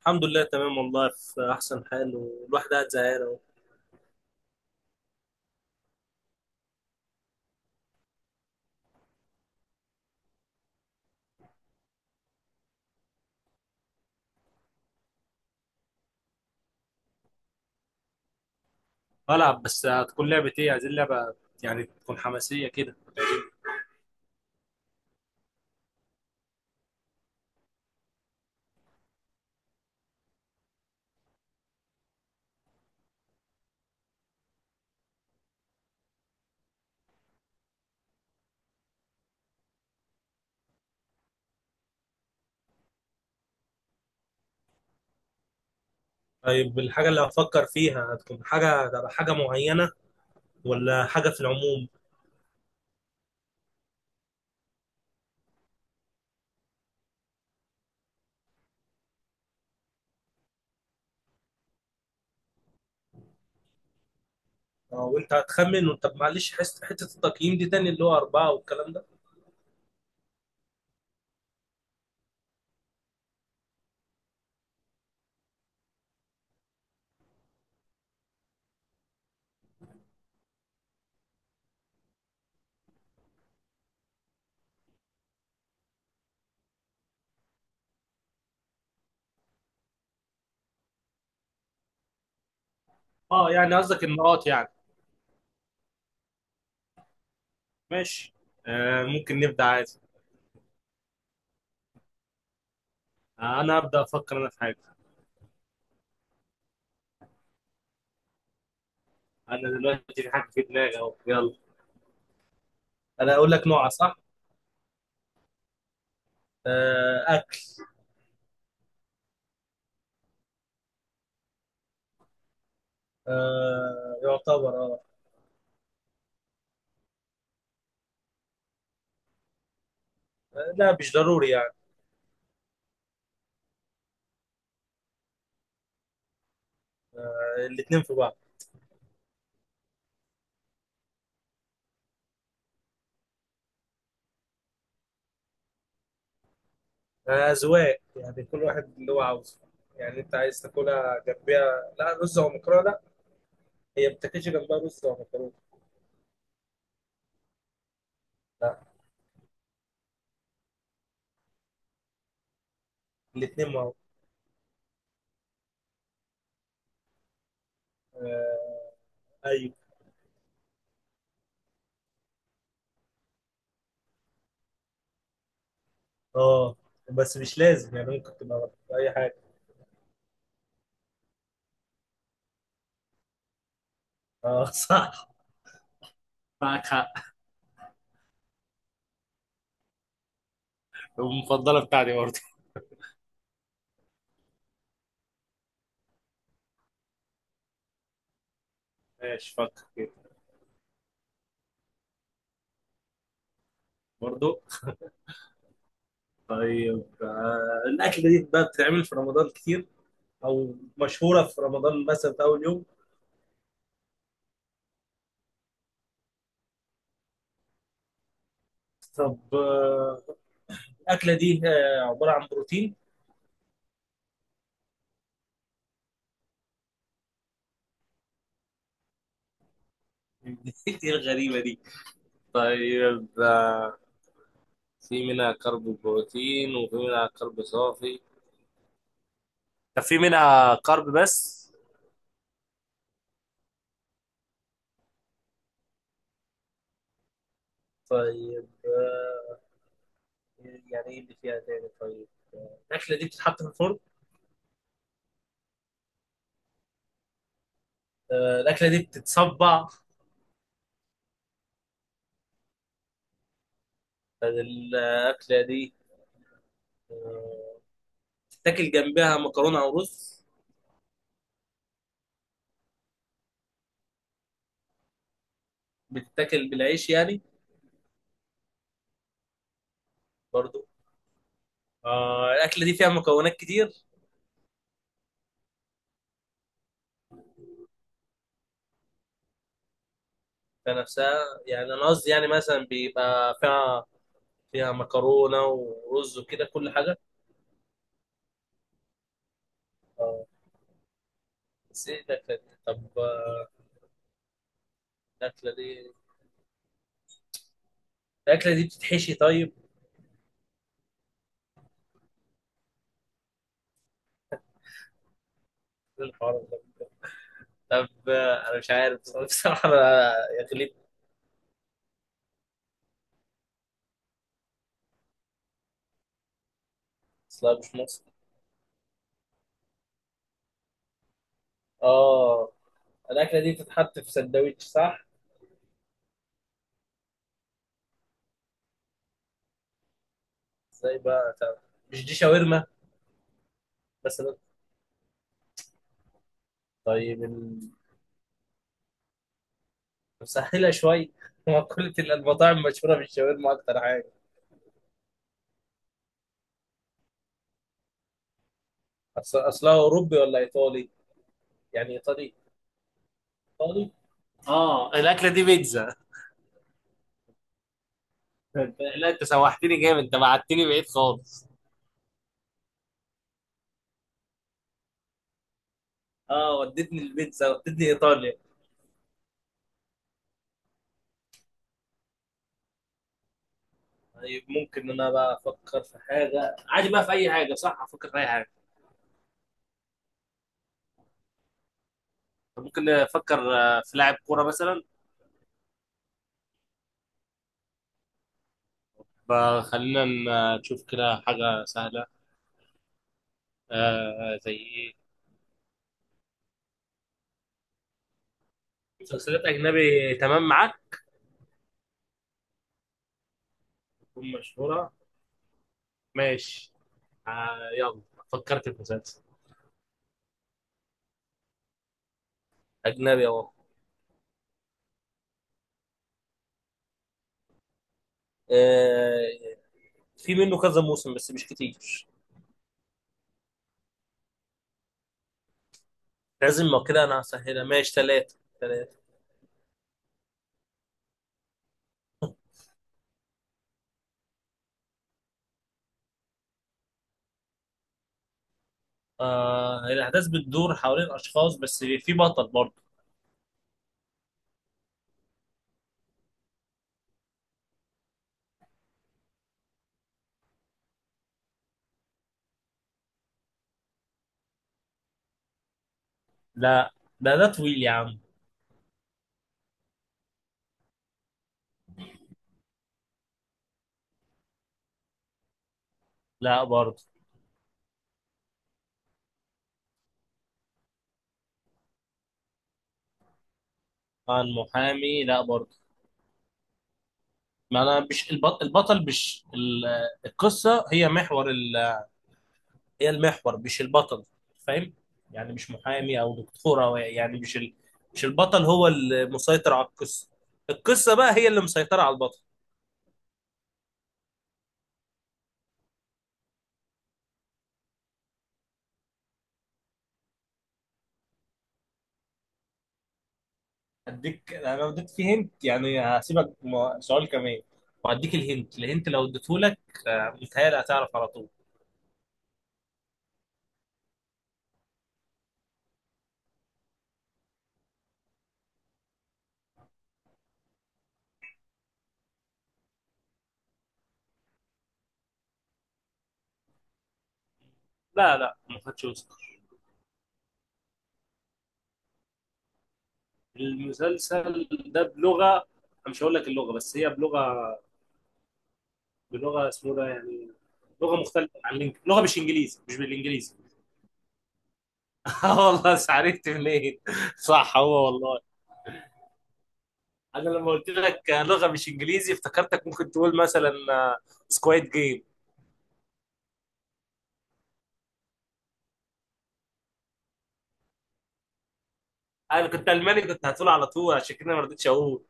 الحمد لله، تمام والله، في احسن حال. والواحد قاعد زهقان اهو. بلعب، بس هتكون لعبة ايه؟ عايزين لعبة يعني تكون حماسية كده. طيب الحاجه اللي هفكر فيها هتكون حاجه معينه، ولا حاجه في العموم؟ اه، وانت هتخمن، وانت معلش حته التقييم دي تاني اللي هو اربعه والكلام ده. اه يعني قصدك النقاط يعني. ماشي. آه ممكن نبدأ عادي. آه انا هبدأ افكر في حاجة. انا دلوقتي في حاجة في دماغي اهو، يلا. انا اقول لك نوعه صح؟ آه اكل. آه يعتبر آه. لا مش ضروري يعني. الاتنين في بعض. أذواق يعني، كل واحد اللي هو عاوزه. يعني أنت عايز تاكلها جنبها لا رز أو مكرونة؟ لا، هي ما بتاكلش جنبها رز أو مكرونة. لا، الاتنين مع بعض. آه، أيوه. أه، بس مش لازم يعني، ممكن تبقى في أي حاجة. أه صح، معك حق. المفضلة بتاعتي برضه. ماشي، فكر كده. برضه. طيب، الأكلة دي بقى بتتعمل في رمضان كتير؟ أو مشهورة في رمضان مثلا في أول يوم؟ طب الاكله دي عباره عن بروتين؟ دي الغريبه دي. طيب في منها كرب بروتين وفي منها كرب صافي. طب في منها كرب بس؟ طيب يعني ايه اللي فيها تاني؟ طيب الاكله دي بتتحط في الفرن؟ الاكله دي بتتصبع؟ طيب، الاكله دي آه، بتتاكل جنبها مكرونه او رز؟ بتتاكل بالعيش يعني؟ برضو. الاكله دي فيها مكونات كتير؟ كنفسها؟ يعني انا قصدي يعني مثلا بيبقى فيها، فيها مكرونه ورز وكده كل حاجه. اه، بس ايه الاكله دي؟ طب الاكله دي، الاكله دي بتتحشي طيب؟ إيه الحوار ده؟ طب انا مش عارف بصراحه انا. يا غريب، اصلا مش مصري؟ اه الاكله دي بتتحط في سندوتش صح؟ ازاي بقى طب؟ مش دي شاورما مثلا؟ طيب مسهله شويه هو كل المطاعم مشهوره بالشاورما اكتر حاجه. اصلها اوروبي ولا ايطالي؟ يعني ايطالي فاضي. اه الاكله دي بيتزا لا انت سوحتني جامد، انت بعتني بعيد خالص. اه ودتني البيتزا، ودتني ايطاليا. طيب ممكن ان انا بقى افكر في حاجه عادي بقى، في اي حاجه صح؟ افكر في اي حاجه؟ طب ممكن نفكر في لاعب كوره مثلا. فخلينا نشوف كده حاجه سهله. آه زي ايه؟ مسلسلات اجنبي تمام معاك؟ تكون مشهوره. ماشي. آه يلا، فكرت في مسلسل اجنبي اهو. آه، في منه كذا موسم بس مش كتير. لازم ما كده انا هسهلها، ماشي 3 3. آه، الأحداث بتدور حوالين أشخاص بس في بطل برضه. لا ده ده طويل يا عم. لا برضه. آه المحامي، لا برضه. ما أنا مش البط... البطل مش ال... القصة هي محور ال... هي المحور، مش البطل. فاهم؟ يعني مش محامي أو دكتورة، أو يعني مش ال... مش البطل هو المسيطر على القصة، القصة بقى هي اللي مسيطرة على البطل. اديك انا لو اديت فيه هنت، يعني هسيبك سؤال كمان وهديك الهنت. الهنت لو اديته لك متهيألي هتعرف على طول. لا لا، ما خدش اوسكار. المسلسل ده بلغه، أنا مش هقول لك اللغه بس هي بلغه، بلغه اسمه ده يعني. لغه مختلفه عن لغه مش انجليزي، مش بالانجليزي. آه والله، بس عرفت منين؟ صح هو والله. انا لما قلت لك لغه مش انجليزي افتكرتك ممكن تقول مثلا سكواد جيم. انا كنت الماني كنت هتقول على طول، عشان كده ما رضيتش اقول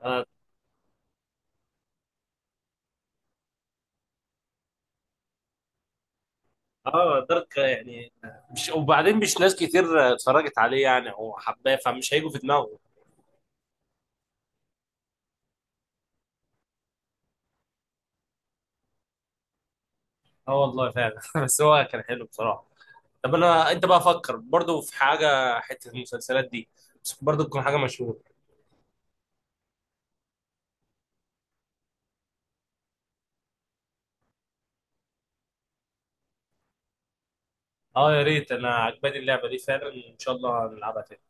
آه، اه. دارك يعني، مش وبعدين مش ناس كتير اتفرجت عليه يعني، هو حباه فمش هيجوا في دماغه. اه والله فعلا بس هو كان حلو بصراحه. طب انا، انت بقى فكر برضو في حاجه حته المسلسلات دي، بس برضو تكون حاجه مشهوره. اه يا ريت، انا عجباني اللعبه دي فعلا، ان شاء الله نلعبها تاني.